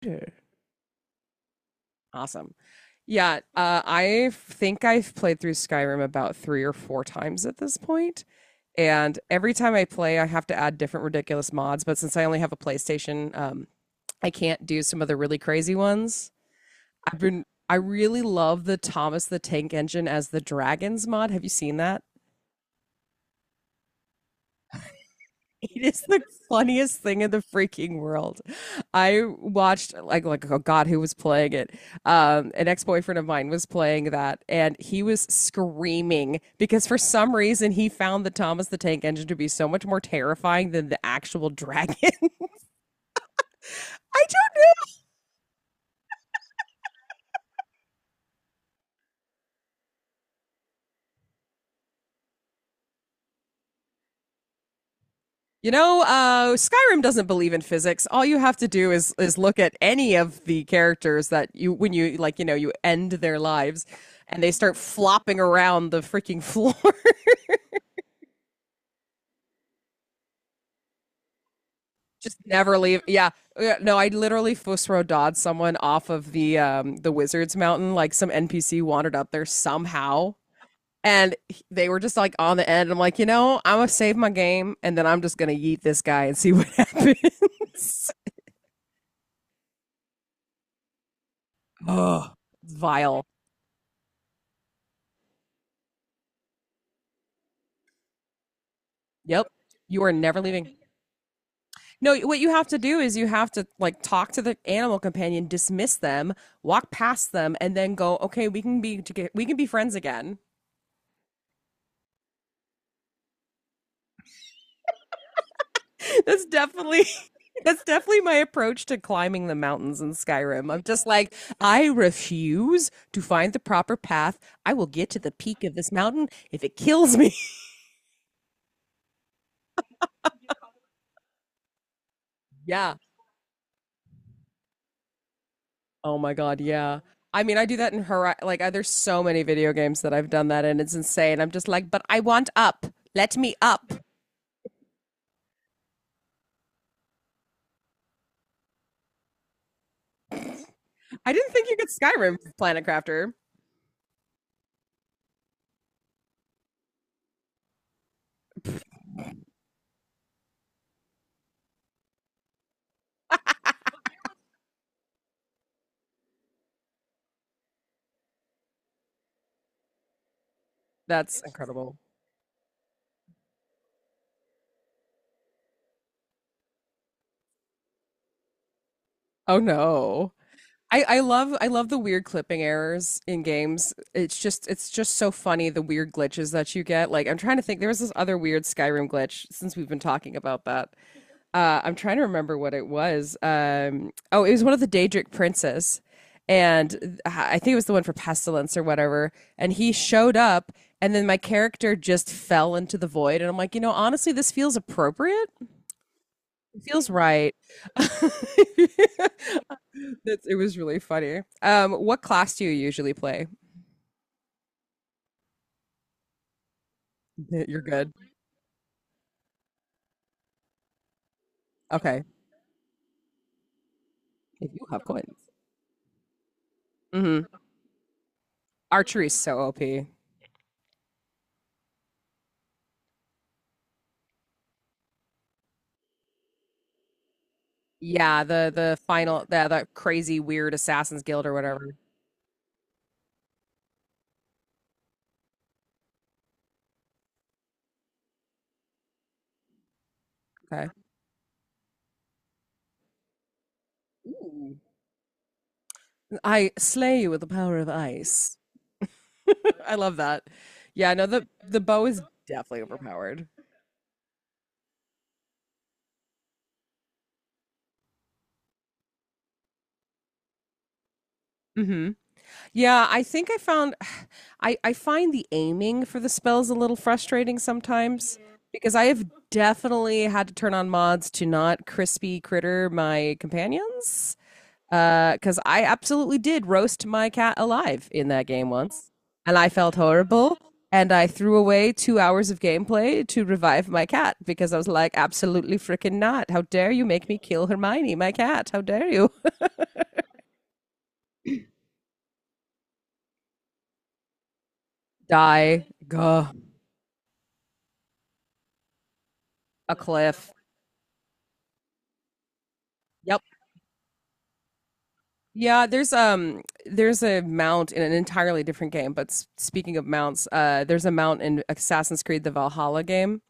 Computer. Awesome. Yeah, I think I've played through Skyrim about three or four times at this point, and every time I play, I have to add different ridiculous mods. But since I only have a PlayStation, I can't do some of the really crazy ones. I really love the Thomas the Tank Engine as the Dragons mod. Have you seen that? It is the funniest thing in the freaking world. I watched like oh God, who was playing it? An ex boyfriend of mine was playing that, and he was screaming because for some reason he found the Thomas the Tank Engine to be so much more terrifying than the actual dragon. I don't, you know, Skyrim doesn't believe in physics. All you have to do is look at any of the characters that you when you like you know you end their lives, and they start flopping around the freaking floor. Just never leave. Yeah. Yeah, no, I literally Fusro dodged someone off of the Wizards Mountain. Like some NPC wandered up there somehow. And they were just like on the end. I'm like, you know, I'm gonna save my game and then I'm just gonna yeet this guy and see what happens. Ugh. Vile. Yep. You are never leaving. No, what you have to do is you have to like talk to the animal companion, dismiss them, walk past them, and then go, okay, we can be friends again. That's definitely That's definitely my approach to climbing the mountains in Skyrim. I'm just like, I refuse to find the proper path. I will get to the peak of this mountain if it kills me. Yeah. Oh my God. Yeah. I mean, I do that in her. Like, there's so many video games that I've done that, and it's insane. I'm just like, but I want up. Let me up. I didn't think you could Skyrim Planet Crafter. That's incredible. Oh no. I love I love the weird clipping errors in games. It's just so funny the weird glitches that you get. Like I'm trying to think there was this other weird Skyrim glitch since we've been talking about that. I'm trying to remember what it was. Oh, it was one of the Daedric princes, and I think it was the one for Pestilence or whatever. And he showed up, and then my character just fell into the void. And I'm like, you know, honestly, this feels appropriate. Feels right. That's It was really funny. What class do you usually play? You're good. Okay. If you have coins. Hmm Archery is so OP. Yeah, the final the crazy weird assassins guild or whatever. Okay. Ooh. I slay you with the power of ice. I love that. Yeah, no, the bow is definitely overpowered. Hmm Yeah, I think I found I find the aiming for the spells a little frustrating sometimes because I have definitely had to turn on mods to not crispy critter my companions cuz I absolutely did roast my cat alive in that game once and I felt horrible and I threw away two hours of gameplay to revive my cat because I was like absolutely freaking not. How dare you make me kill Hermione, my cat? How dare you? Die. Gah. A cliff. Yep. Yeah, there's a mount in an entirely different game. But speaking of mounts, there's a mount in Assassin's Creed: The Valhalla game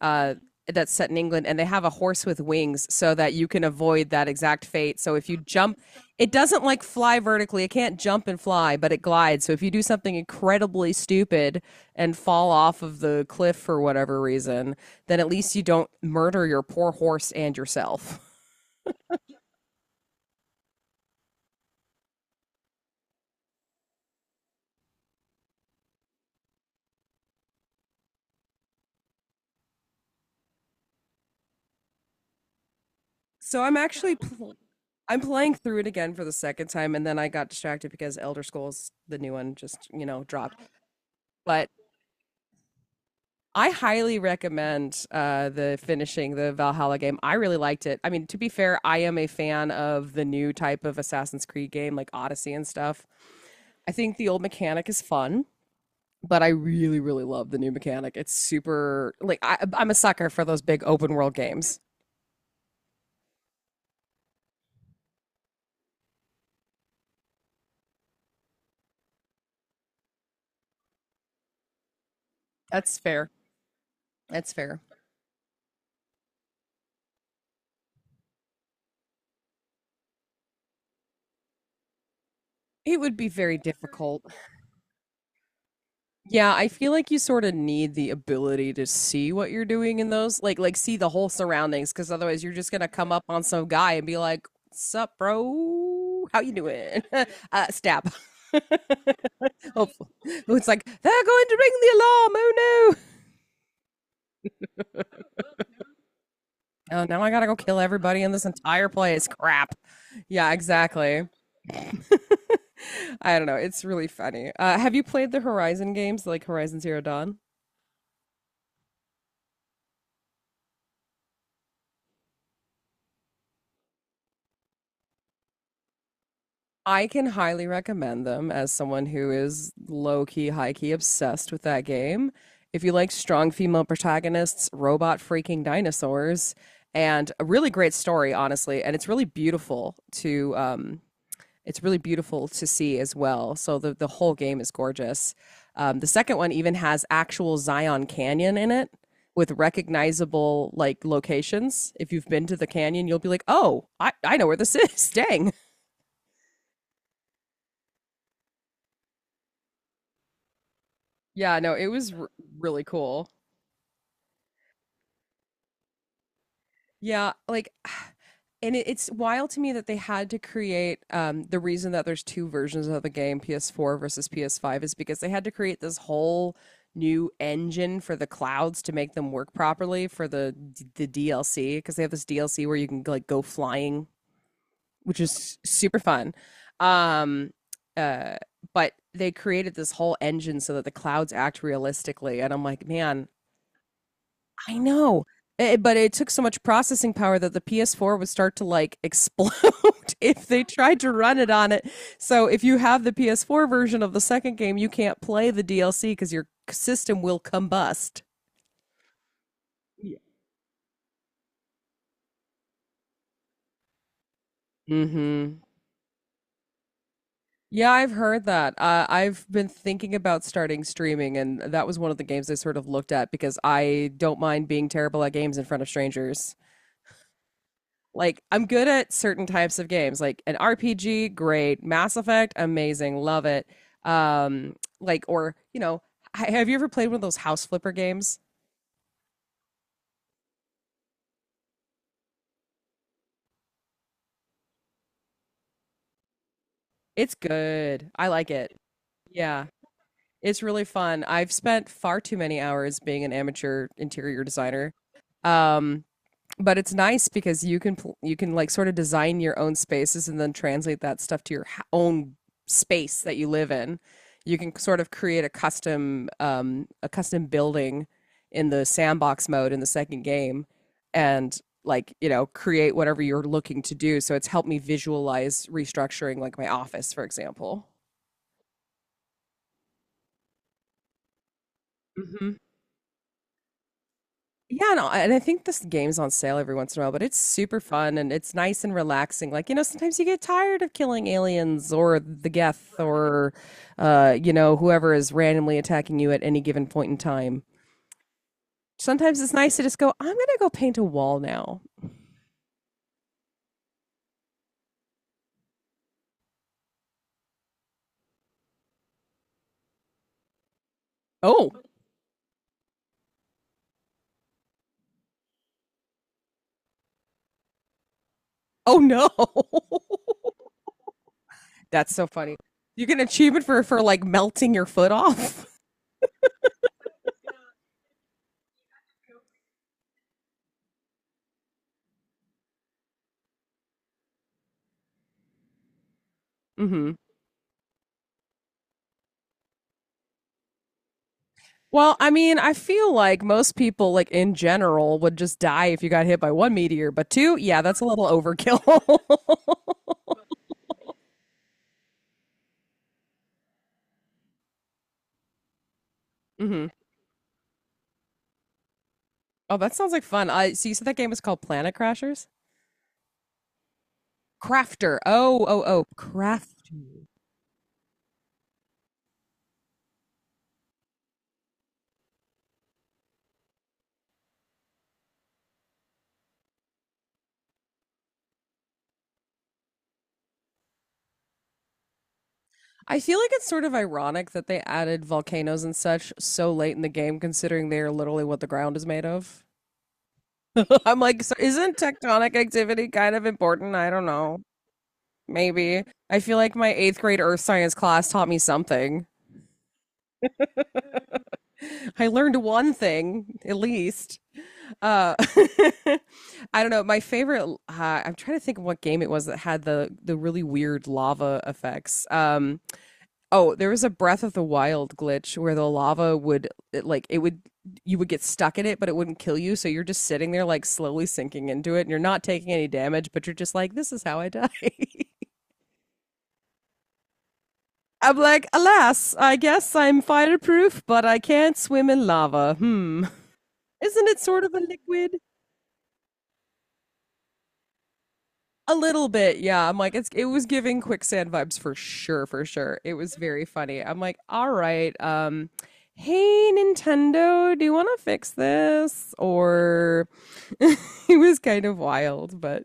uh, that's set in England, and they have a horse with wings so that you can avoid that exact fate. So if you jump, it doesn't like fly vertically. It can't jump and fly, but it glides. So if you do something incredibly stupid and fall off of the cliff for whatever reason, then at least you don't murder your poor horse and yourself. So I'm actually pl- I'm playing through it again for the second time, and then I got distracted because Elder Scrolls, the new one, just you know dropped. But I highly recommend the finishing the Valhalla game. I really liked it. I mean, to be fair, I am a fan of the new type of Assassin's Creed game, like Odyssey and stuff. I think the old mechanic is fun, but I really, really love the new mechanic. It's super like I'm a sucker for those big open world games. That's fair. That's fair. It would be very difficult. Yeah, I feel like you sort of need the ability to see what you're doing in those, like see the whole surroundings, because otherwise you're just gonna come up on some guy and be like, "Sup, bro? How you doing?" Stab. Hopefully, it's like they're going to ring the alarm. Oh no." Oh, now I gotta go kill everybody in this entire place. Crap. Yeah, exactly. I don't know. It's really funny. Have you played the Horizon games like Horizon Zero Dawn? I can highly recommend them as someone who is low key, high key obsessed with that game. If you like strong female protagonists, robot freaking dinosaurs, and a really great story, honestly, and it's really beautiful to see as well. So the whole game is gorgeous. The second one even has actual Zion Canyon in it with recognizable like locations. If you've been to the canyon, you'll be like, "Oh, I know where this is." Dang. Yeah, no, it was really cool. Yeah, like and it's wild to me that they had to create the reason that there's two versions of the game, PS4 versus PS5 is because they had to create this whole new engine for the clouds to make them work properly for the DLC because they have this DLC where you can like go flying, which is super fun. Um uh but they created this whole engine so that the clouds act realistically and I'm like, man, I know. But it took so much processing power that the PS4 would start to like explode if they tried to run it on it. So if you have the PS4 version of the second game, you can't play the DLC because your system will combust. Yeah. Mm-hmm. Yeah, I've heard that. I've been thinking about starting streaming, and that was one of the games I sort of looked at because I don't mind being terrible at games in front of strangers. Like I'm good at certain types of games, like an RPG, great. Mass Effect, amazing, love it. Or you know, have you ever played one of those house flipper games? It's good. I like it. Yeah, it's really fun. I've spent far too many hours being an amateur interior designer. Um, but it's nice because you can like sort of design your own spaces and then translate that stuff to your own space that you live in. You can sort of create a custom building in the sandbox mode in the second game, and like you know create whatever you're looking to do. So it's helped me visualize restructuring like my office, for example. Mm-hmm. Yeah, no, and I think this game's on sale every once in a while, but it's super fun and it's nice and relaxing. Like, you know, sometimes you get tired of killing aliens or the Geth or, you know, whoever is randomly attacking you at any given point in time. Sometimes it's nice to just go, I'm gonna go paint a wall now. Oh, oh no. That's so funny. You get an achievement for like melting your foot off. Hmm Well, I mean, I feel like most people, like in general, would just die if you got hit by one meteor, but two, yeah, that's a little overkill. hmm Oh, that sounds like fun. I see. So you said that game was called Planet Crashers? Crafter. Oh, Crafter. I feel like it's sort of ironic that they added volcanoes and such so late in the game, considering they are literally what the ground is made of. I'm like, so isn't tectonic activity kind of important? I don't know. Maybe. I feel like my eighth grade earth science class taught me something. I learned one thing, at least. Uh, I don't know. I'm trying to think of what game it was that had the really weird lava effects. Oh, there was a Breath of the Wild glitch where the lava would, it, like, it would, you would get stuck in it, but it wouldn't kill you. So you're just sitting there, like, slowly sinking into it and you're not taking any damage, but you're just like, this is how I die. I'm like, alas, I guess I'm fireproof, but I can't swim in lava. Hmm. Isn't it sort of a liquid? A little bit, yeah. I'm like, it was giving quicksand vibes for sure, for sure. It was very funny. I'm like, all right, hey Nintendo, do you want to fix this? Or it was kind of wild, but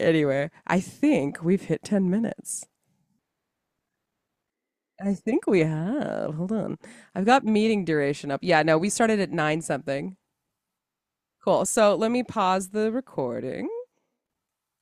anyway, I think we've hit 10 minutes. I think we have. Hold on. I've got meeting duration up. Yeah, no, we started at nine something. Cool. So let me pause the recording.